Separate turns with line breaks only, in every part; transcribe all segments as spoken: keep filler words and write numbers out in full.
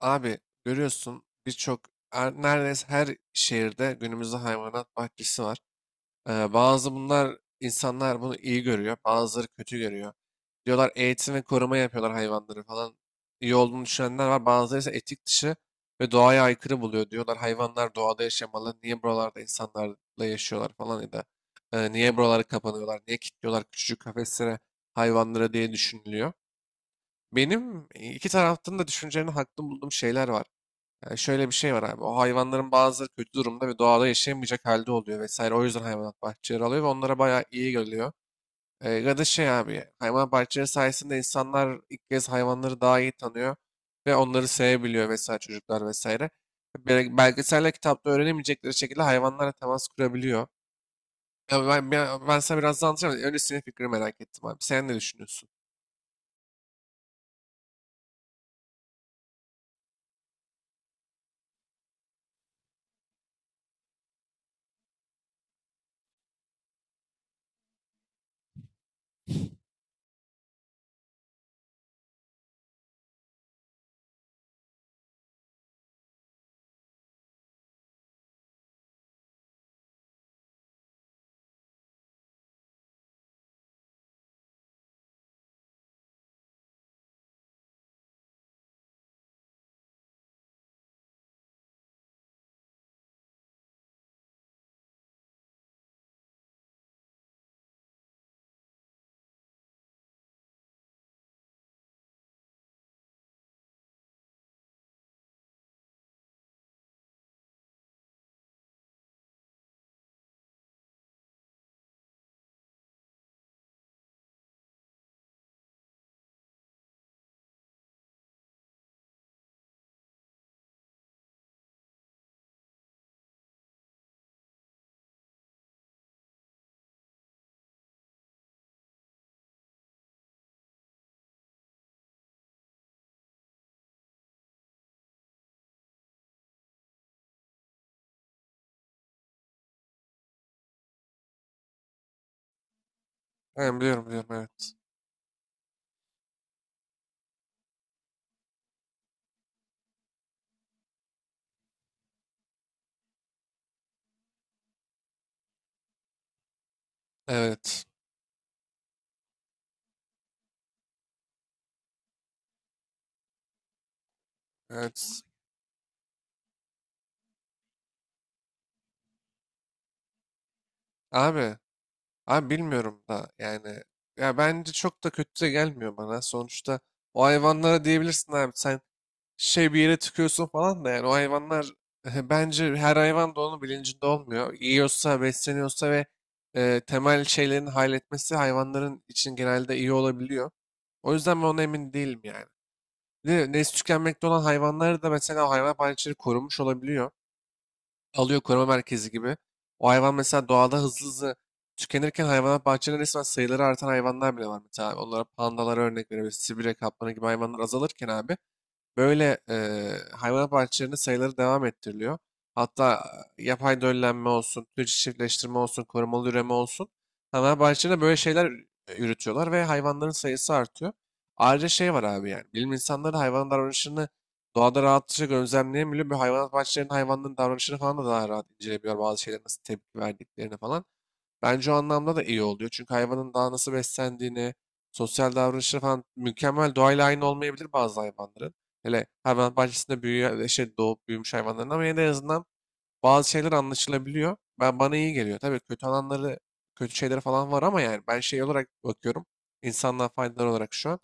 Abi görüyorsun birçok er- neredeyse her şehirde günümüzde hayvanat bahçesi var. Ee, bazı bunlar insanlar bunu iyi görüyor, bazıları kötü görüyor. Diyorlar eğitim ve koruma yapıyorlar hayvanları falan. İyi olduğunu düşünenler var. Bazıları ise etik dışı ve doğaya aykırı buluyor. Diyorlar hayvanlar doğada yaşamalı. Niye buralarda insanlarla yaşıyorlar falan ya da e, niye buraları kapanıyorlar, niye kilitliyorlar küçücük kafeslere hayvanları diye düşünülüyor. Benim iki taraftan da düşüncelerini haklı bulduğum şeyler var. Yani şöyle bir şey var abi. O hayvanların bazıları kötü durumda ve doğada yaşayamayacak halde oluyor vesaire. O yüzden hayvanat bahçeleri alıyor ve onlara bayağı iyi geliyor. Ee, ya da şey abi hayvanat bahçeleri sayesinde insanlar ilk kez hayvanları daha iyi tanıyor ve onları sevebiliyor vesaire çocuklar vesaire. Bel- Belgeselle kitapta öğrenemeyecekleri şekilde hayvanlarla temas kurabiliyor. Ya ben, ben, ben sana biraz daha anlatacağım. Önce senin fikrini merak ettim abi. Sen ne düşünüyorsun? Ben biliyorum biliyorum evet. Evet. Evet. Abi. Abi bilmiyorum da yani ya bence çok da kötü de gelmiyor bana. Sonuçta o hayvanlara diyebilirsin abi sen şey bir yere tıkıyorsun falan da yani o hayvanlar bence her hayvan da onun bilincinde olmuyor. Yiyorsa, besleniyorsa ve e, temel şeylerin halletmesi hayvanların için genelde iyi olabiliyor. O yüzden ben ona emin değilim yani. Ne, nesli tükenmekte olan hayvanları da mesela o hayvan bahçeleri korunmuş olabiliyor alıyor koruma merkezi gibi. O hayvan mesela doğada hızlı hızlı tükenirken hayvanat bahçelerinde resmen sayıları artan hayvanlar bile var mesela. Abi. Onlara pandalara örnek verebiliriz. Sibirya kaplanı gibi hayvanlar azalırken abi böyle eee hayvanat bahçelerinde sayıları devam ettiriliyor. Hatta e, yapay döllenme olsun, türcü çiftleştirme olsun, korumalı üreme olsun. Hayvanat bahçelerinde böyle şeyler e, yürütüyorlar ve hayvanların sayısı artıyor. Ayrıca şey var abi yani. Bilim insanları hayvanın davranışını doğada rahatlıkla gözlemleyebiliyor. Böyle hayvanat bahçelerinin hayvanların davranışını falan da daha rahat inceleyebiliyor. Bazı şeylere nasıl tepki verdiklerini falan. Bence o anlamda da iyi oluyor. Çünkü hayvanın daha nasıl beslendiğini, sosyal davranışları falan mükemmel doğayla aynı olmayabilir bazı hayvanların. Hele hayvan bahçesinde büyüyen, şey, doğup büyümüş hayvanların ama yine de en azından bazı şeyler anlaşılabiliyor. Ben bana iyi geliyor. Tabii kötü alanları, kötü şeyleri falan var ama yani ben şey olarak bakıyorum. İnsanlığa faydalar olarak şu an.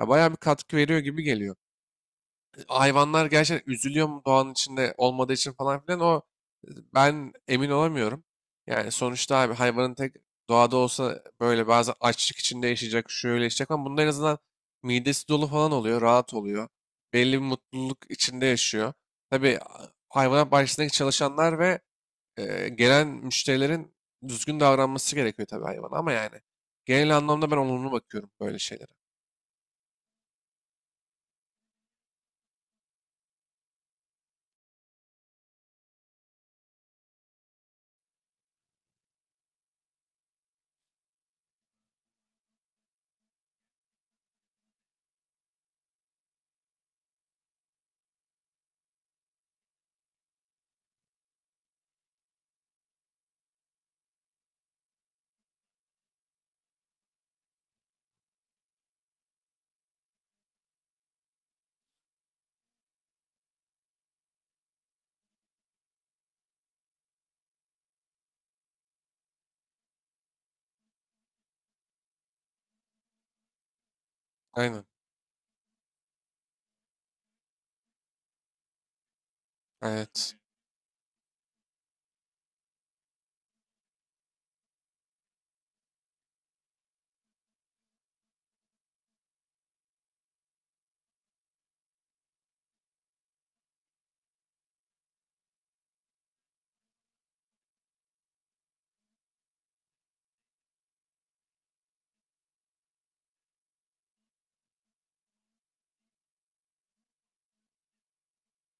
Ya bayağı bir katkı veriyor gibi geliyor hayvanlar gerçekten üzülüyor mu doğanın içinde olmadığı için falan filan o e, ben emin olamıyorum. Yani sonuçta abi hayvanın tek doğada olsa böyle bazı açlık içinde yaşayacak, şöyle yaşayacak ama bunda en azından midesi dolu falan oluyor, rahat oluyor. Belli bir mutluluk içinde yaşıyor. Tabii a- hayvanat bahçesindeki çalışanlar ve e, gelen müşterilerin düzgün davranması gerekiyor tabii hayvana ama yani genel anlamda ben olumlu bakıyorum böyle şeylere. Aynen. Evet.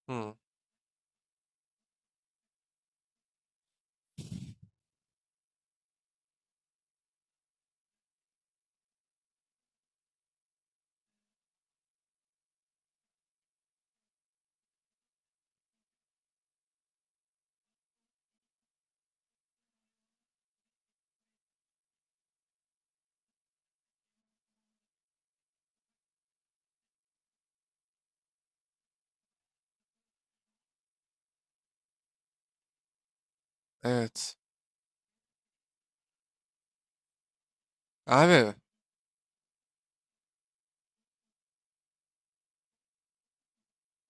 Hı, evet. Abi.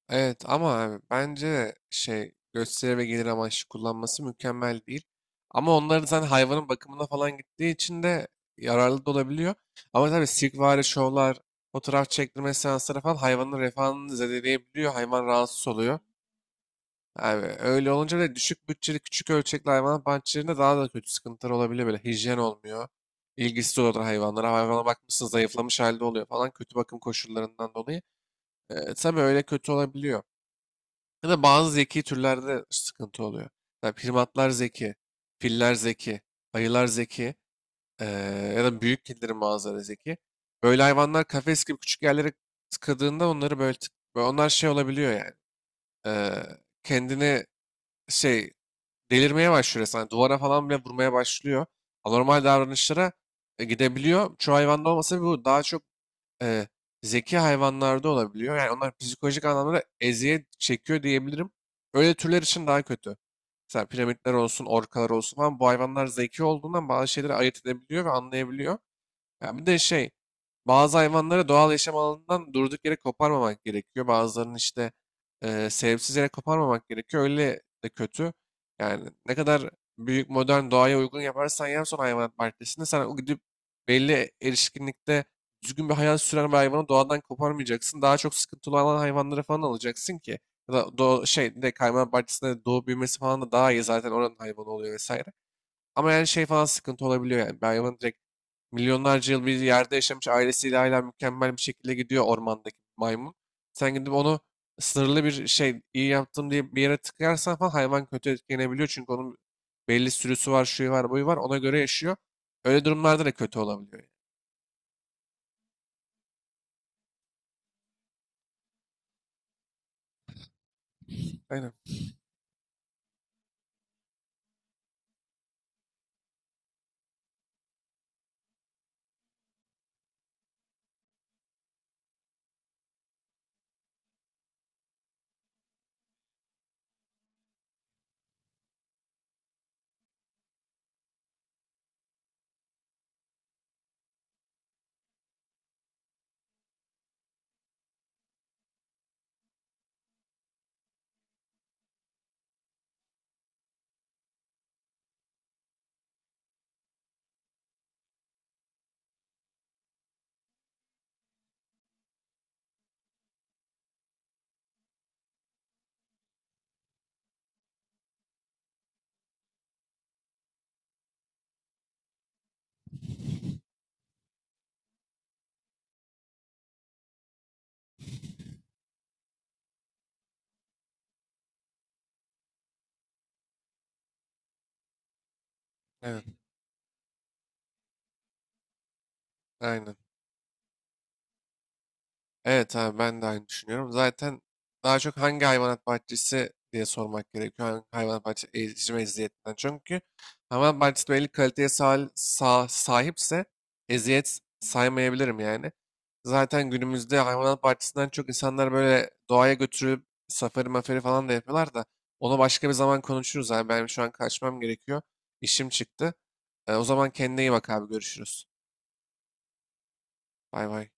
Evet ama abi bence şey gösteri ve gelir amaçlı kullanması mükemmel değil. Ama onları zaten hayvanın bakımına falan gittiği için de yararlı da olabiliyor. Ama tabii sirkvari şovlar, fotoğraf çektirme seansları falan hayvanın refahını zedeleyebiliyor. Hayvan rahatsız oluyor. Abi öyle olunca da düşük bütçeli küçük ölçekli hayvanat bahçelerinde daha da kötü sıkıntılar olabiliyor. Böyle hijyen olmuyor. İlgisiz olur hayvanlara. Hayvana bakmışsın zayıflamış halde oluyor falan kötü bakım koşullarından dolayı. Ee, tabii öyle kötü olabiliyor. Ya da bazı zeki türlerde sıkıntı oluyor. Yani primatlar zeki, filler zeki, ayılar zeki eee, ya da büyük kedilerin bazıları zeki. Böyle hayvanlar kafes gibi küçük yerlere tıkadığında onları böyle, tık- böyle onlar şey olabiliyor yani. Eee, kendini şey delirmeye başlıyor resmen. Duvara falan bile vurmaya başlıyor. Anormal davranışlara e, gidebiliyor. Çoğu hayvanda olmasa bu daha çok e, zeki hayvanlarda olabiliyor. Yani onlar psikolojik anlamda eziyet çekiyor diyebilirim. Öyle türler için daha kötü. Mesela piramitler olsun, orkalar olsun falan bu hayvanlar zeki olduğundan bazı şeyleri ayırt edebiliyor ve anlayabiliyor. Ya bir de şey, bazı hayvanları doğal yaşam alanından durduk yere koparmamak gerekiyor. Bazılarının işte eee sebepsiz yere koparmamak gerekiyor. Öyle de kötü. Yani ne kadar büyük modern doğaya uygun yaparsan yap son hayvanat bahçesinde sen o gidip belli erişkinlikte düzgün bir hayat süren bir hayvanı doğadan koparmayacaksın. Daha çok sıkıntılı olan hayvanları falan alacaksın ki. Ya da doğ, şey bir de hayvanat bahçesinde doğup büyümesi falan da daha iyi zaten oranın hayvanı oluyor vesaire. Ama yani şey falan sıkıntı olabiliyor yani. Bir hayvan direkt milyonlarca yıl bir yerde yaşamış ailesiyle hala mükemmel bir şekilde gidiyor ormandaki maymun. Sen gidip onu sınırlı bir şey iyi yaptım diye bir yere tıkarsan falan hayvan kötü etkilenebiliyor. Çünkü onun belli sürüsü var, şuyu var, buyu var. Ona göre yaşıyor. Öyle durumlarda da kötü olabiliyor yani. Aynen. Evet. Aynen. Evet abi ben de aynı düşünüyorum. Zaten daha çok hangi hayvanat bahçesi diye sormak gerekiyor. Hangi hayvanat bahçesi ezici eziyetinden. Çünkü hayvanat bahçesi belli kaliteye sahil- sa- sahipse eziyet saymayabilirim yani. Zaten günümüzde hayvanat bahçesinden çok insanlar böyle doğaya götürüp safari mafari falan da yapıyorlar da onu başka bir zaman konuşuruz abi. Benim şu an kaçmam gerekiyor. İşim çıktı. E, o zaman kendine iyi bak abi görüşürüz. Bay bay.